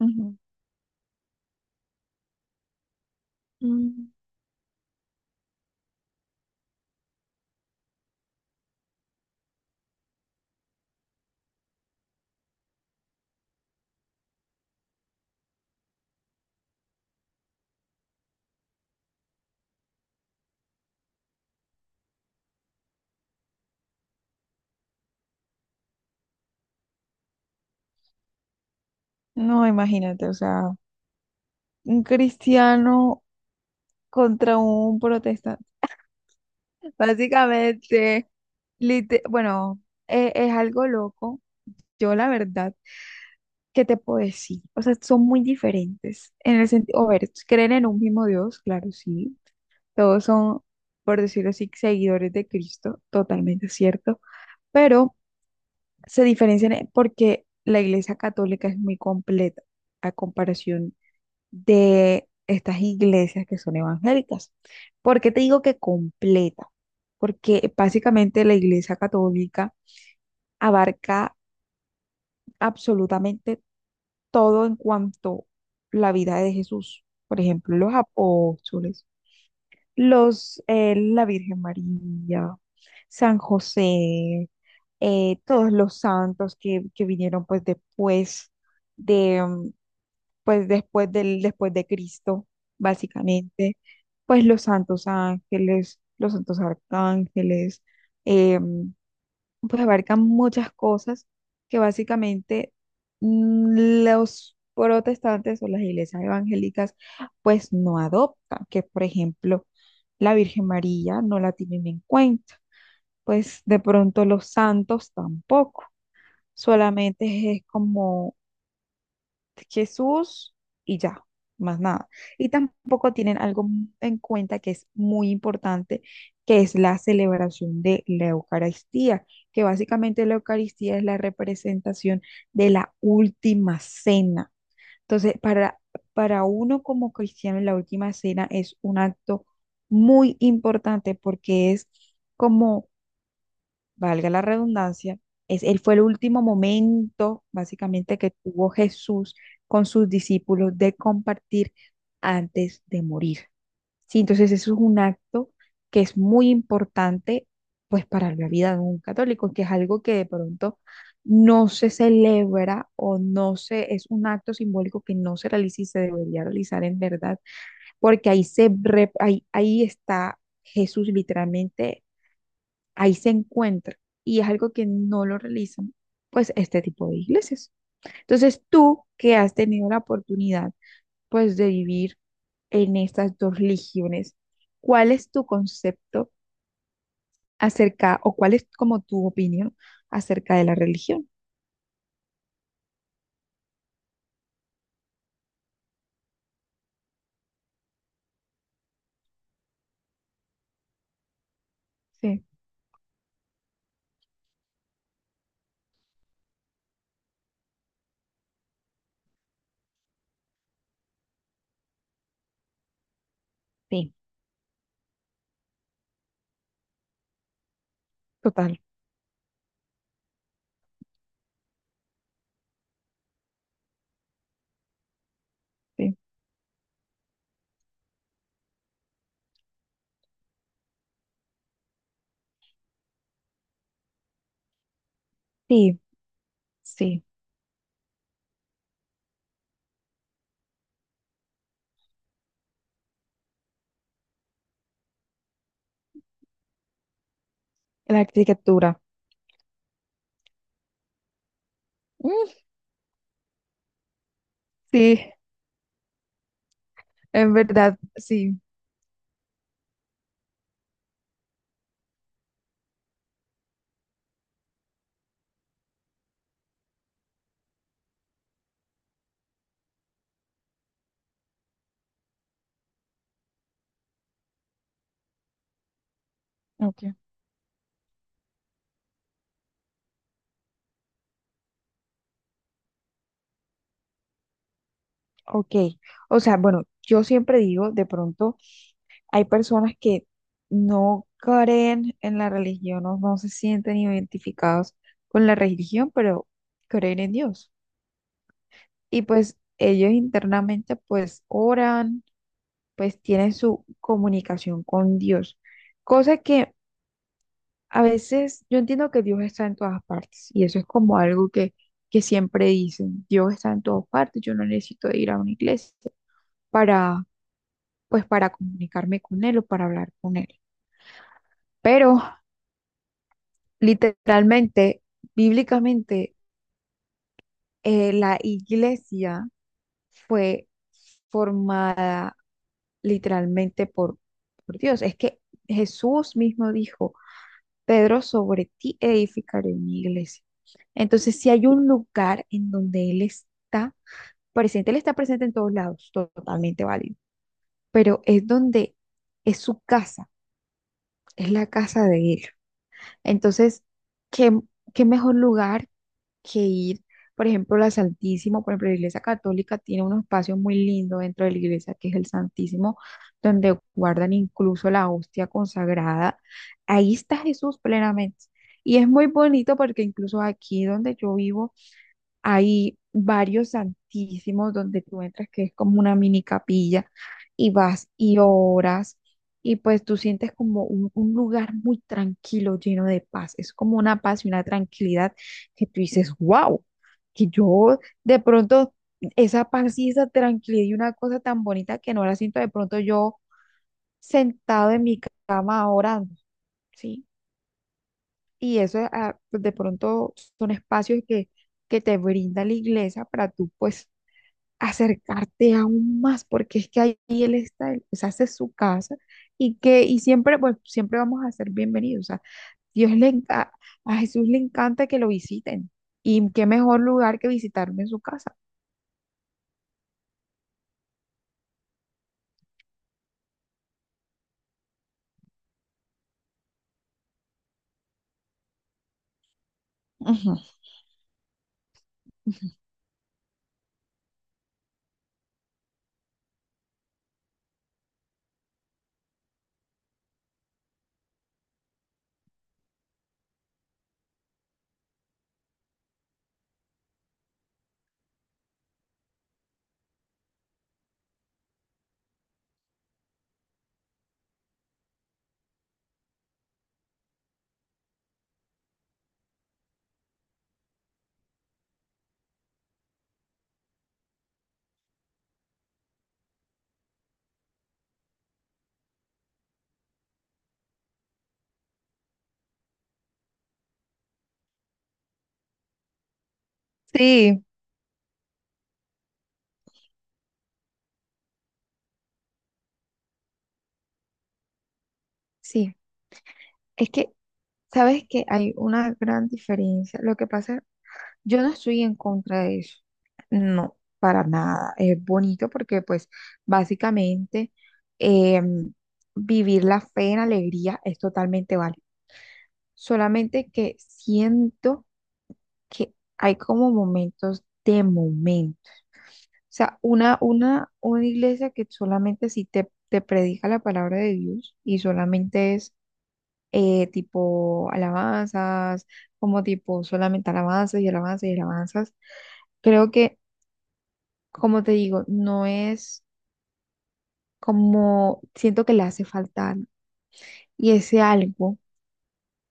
Ujú. Mm. No, imagínate, o sea, un cristiano contra un protestante. Básicamente, bueno, algo loco. Yo la verdad, ¿qué te puedo decir? O sea, son muy diferentes en el sentido, a ver, creen en un mismo Dios, claro, sí. Todos son, por decirlo así, seguidores de Cristo, totalmente cierto. Pero se diferencian porque la Iglesia Católica es muy completa a comparación de estas iglesias que son evangélicas. ¿Por qué te digo que completa? Porque básicamente la Iglesia Católica abarca absolutamente todo en cuanto a la vida de Jesús. Por ejemplo, los apóstoles, la Virgen María, San José, todos los santos que vinieron pues después de Cristo, básicamente, pues los santos ángeles, los santos arcángeles, eh, pues abarcan muchas cosas que básicamente, los protestantes o las iglesias evangélicas pues no adoptan, que por ejemplo la Virgen María no la tienen en cuenta, pues de pronto los santos tampoco, solamente es como Jesús y ya, más nada. Y tampoco tienen algo en cuenta que es muy importante, que es la celebración de la Eucaristía, que básicamente la Eucaristía es la representación de la última cena. Entonces, para uno como cristiano, la última cena es un acto muy importante porque es, como valga la redundancia, él fue el último momento, básicamente, que tuvo Jesús con sus discípulos de compartir antes de morir. Sí, entonces eso es un acto que es muy importante, pues, para la vida de un católico, que es algo que de pronto no se celebra, o no se, es un acto simbólico que no se realiza y se debería realizar en verdad, porque ahí está Jesús literalmente, ahí se encuentra, y es algo que no lo realizan pues este tipo de iglesias. Entonces, tú que has tenido la oportunidad pues de vivir en estas dos religiones, ¿cuál es tu concepto acerca, o cuál es como tu opinión acerca de la religión? Sí. Sí, total, sí, sí, sí. La arquitectura. Mm, sí, en verdad, sí. Ok. Ok. O sea, bueno, yo siempre digo de pronto, hay personas que no creen en la religión, no, no se sienten identificados con la religión, pero creen en Dios. Y pues ellos internamente pues oran, pues tienen su comunicación con Dios. Cosa que a veces yo entiendo que Dios está en todas partes, y eso es como algo que siempre dicen: Dios está en todas partes, yo no necesito ir a una iglesia para, para comunicarme con él, o para hablar con él. Pero literalmente, bíblicamente, la iglesia fue formada literalmente por Dios. Es que Jesús mismo dijo: Pedro, sobre ti edificaré mi iglesia. Entonces, si hay un lugar en donde Él está presente en todos lados, to- totalmente válido, pero es donde es su casa, es la casa de Él. Entonces, ¿qué, qué mejor lugar que ir, por ejemplo, la Iglesia Católica tiene unos espacios muy lindo dentro de la iglesia, que es el Santísimo, donde guardan incluso la hostia consagrada. Ahí está Jesús plenamente. Y es muy bonito porque incluso aquí donde yo vivo, hay varios santísimos donde tú entras, que es como una mini capilla, y vas y oras, y pues tú sientes como un lugar muy tranquilo, lleno de paz. Es como una paz y una tranquilidad que tú dices, wow, que yo de pronto esa paz y esa tranquilidad y una cosa tan bonita que no la siento de pronto yo sentado en mi cama orando, ¿sí? Y eso, pues de pronto son espacios que te brinda la iglesia para tú, pues, acercarte aún más, porque es que ahí él está, él pues hace su casa, y siempre vamos a ser bienvenidos. O sea, Dios le enca- a Jesús le encanta que lo visiten, y qué mejor lugar que visitarme en su casa. Ujú. Sí. Sí, es que, sabes que hay una gran diferencia. Lo que pasa, yo no estoy en contra de eso. No, para nada. Es bonito porque, pues, básicamente, em, vivir la fe en alegría es totalmente válido. Solamente que siento que hay como momentos de momento. O sea, una iglesia que solamente si te predica la palabra de Dios y solamente es, tipo alabanzas, como tipo solamente alabanzas y alabanzas y alabanzas. Creo que, como te digo, no es, como siento que le hace falta algo. Y ese algo,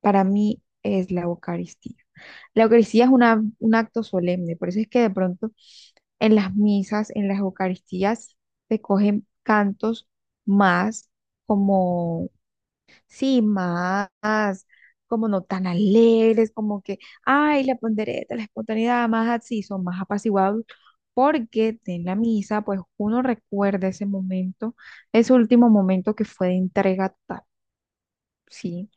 para mí, es la Eucaristía. La Eucaristía es un acto solemne, por eso es que de pronto en las misas, en las Eucaristías, se cogen cantos más, Sí, más, como no tan alegres, como que, ay, la pondereta, la espontaneidad, más así, son más apaciguados, porque en la misa, pues uno recuerda ese momento, ese último momento, que fue de entrega total, ¿sí?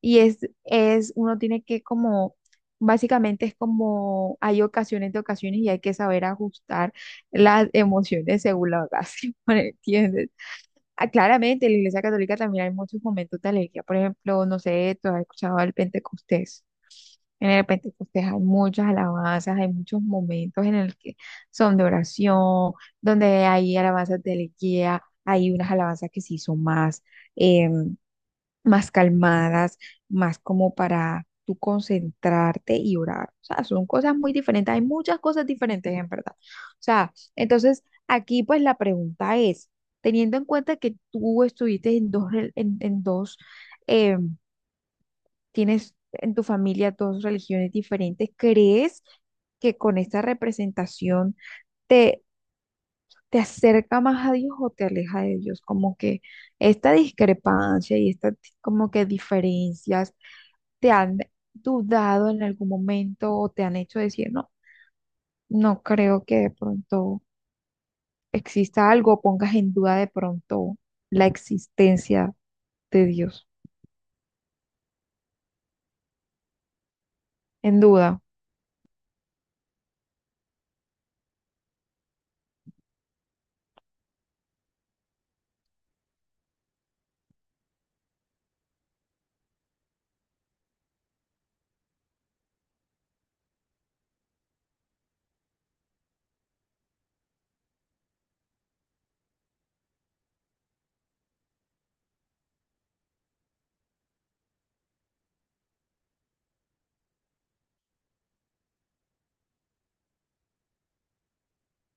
Y uno tiene que, como, básicamente es como, hay ocasiones de ocasiones, y hay que saber ajustar las emociones según la ocasión, ¿me ¿entiendes? Ah, claramente, en la Iglesia Católica también hay muchos momentos de alegría. Por ejemplo, no sé, ¿tú has escuchado el Pentecostés? En el Pentecostés hay muchas alabanzas, hay muchos momentos en el que son de oración, donde hay alabanzas de alegría, hay unas alabanzas que sí son más, em, más calmadas, más como para tú concentrarte y orar. O sea, son cosas muy diferentes. Hay muchas cosas diferentes, en verdad. O sea, entonces aquí pues la pregunta es: teniendo en cuenta que tú estuviste en dos, eh, tienes en tu familia dos religiones diferentes, ¿crees que con esta representación te acerca más a Dios o te aleja de Dios, como que esta discrepancia y esta como que diferencias te han dudado en algún momento, o te han hecho decir: no, no creo que de pronto exista algo, o pongas en duda de pronto la existencia de Dios, en duda?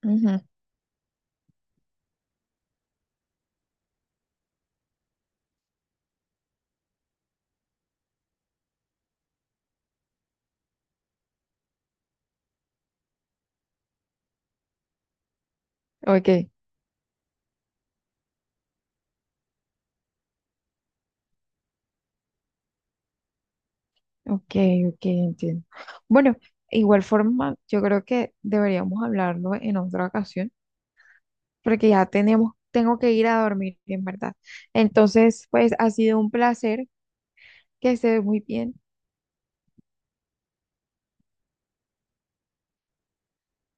Ujú. Ok, ok, ok, entiendo. Bueno, igual forma, yo creo que deberíamos hablarlo en otra ocasión porque tengo que ir a dormir, en verdad. Entonces, pues ha sido un placer, que estés muy bien.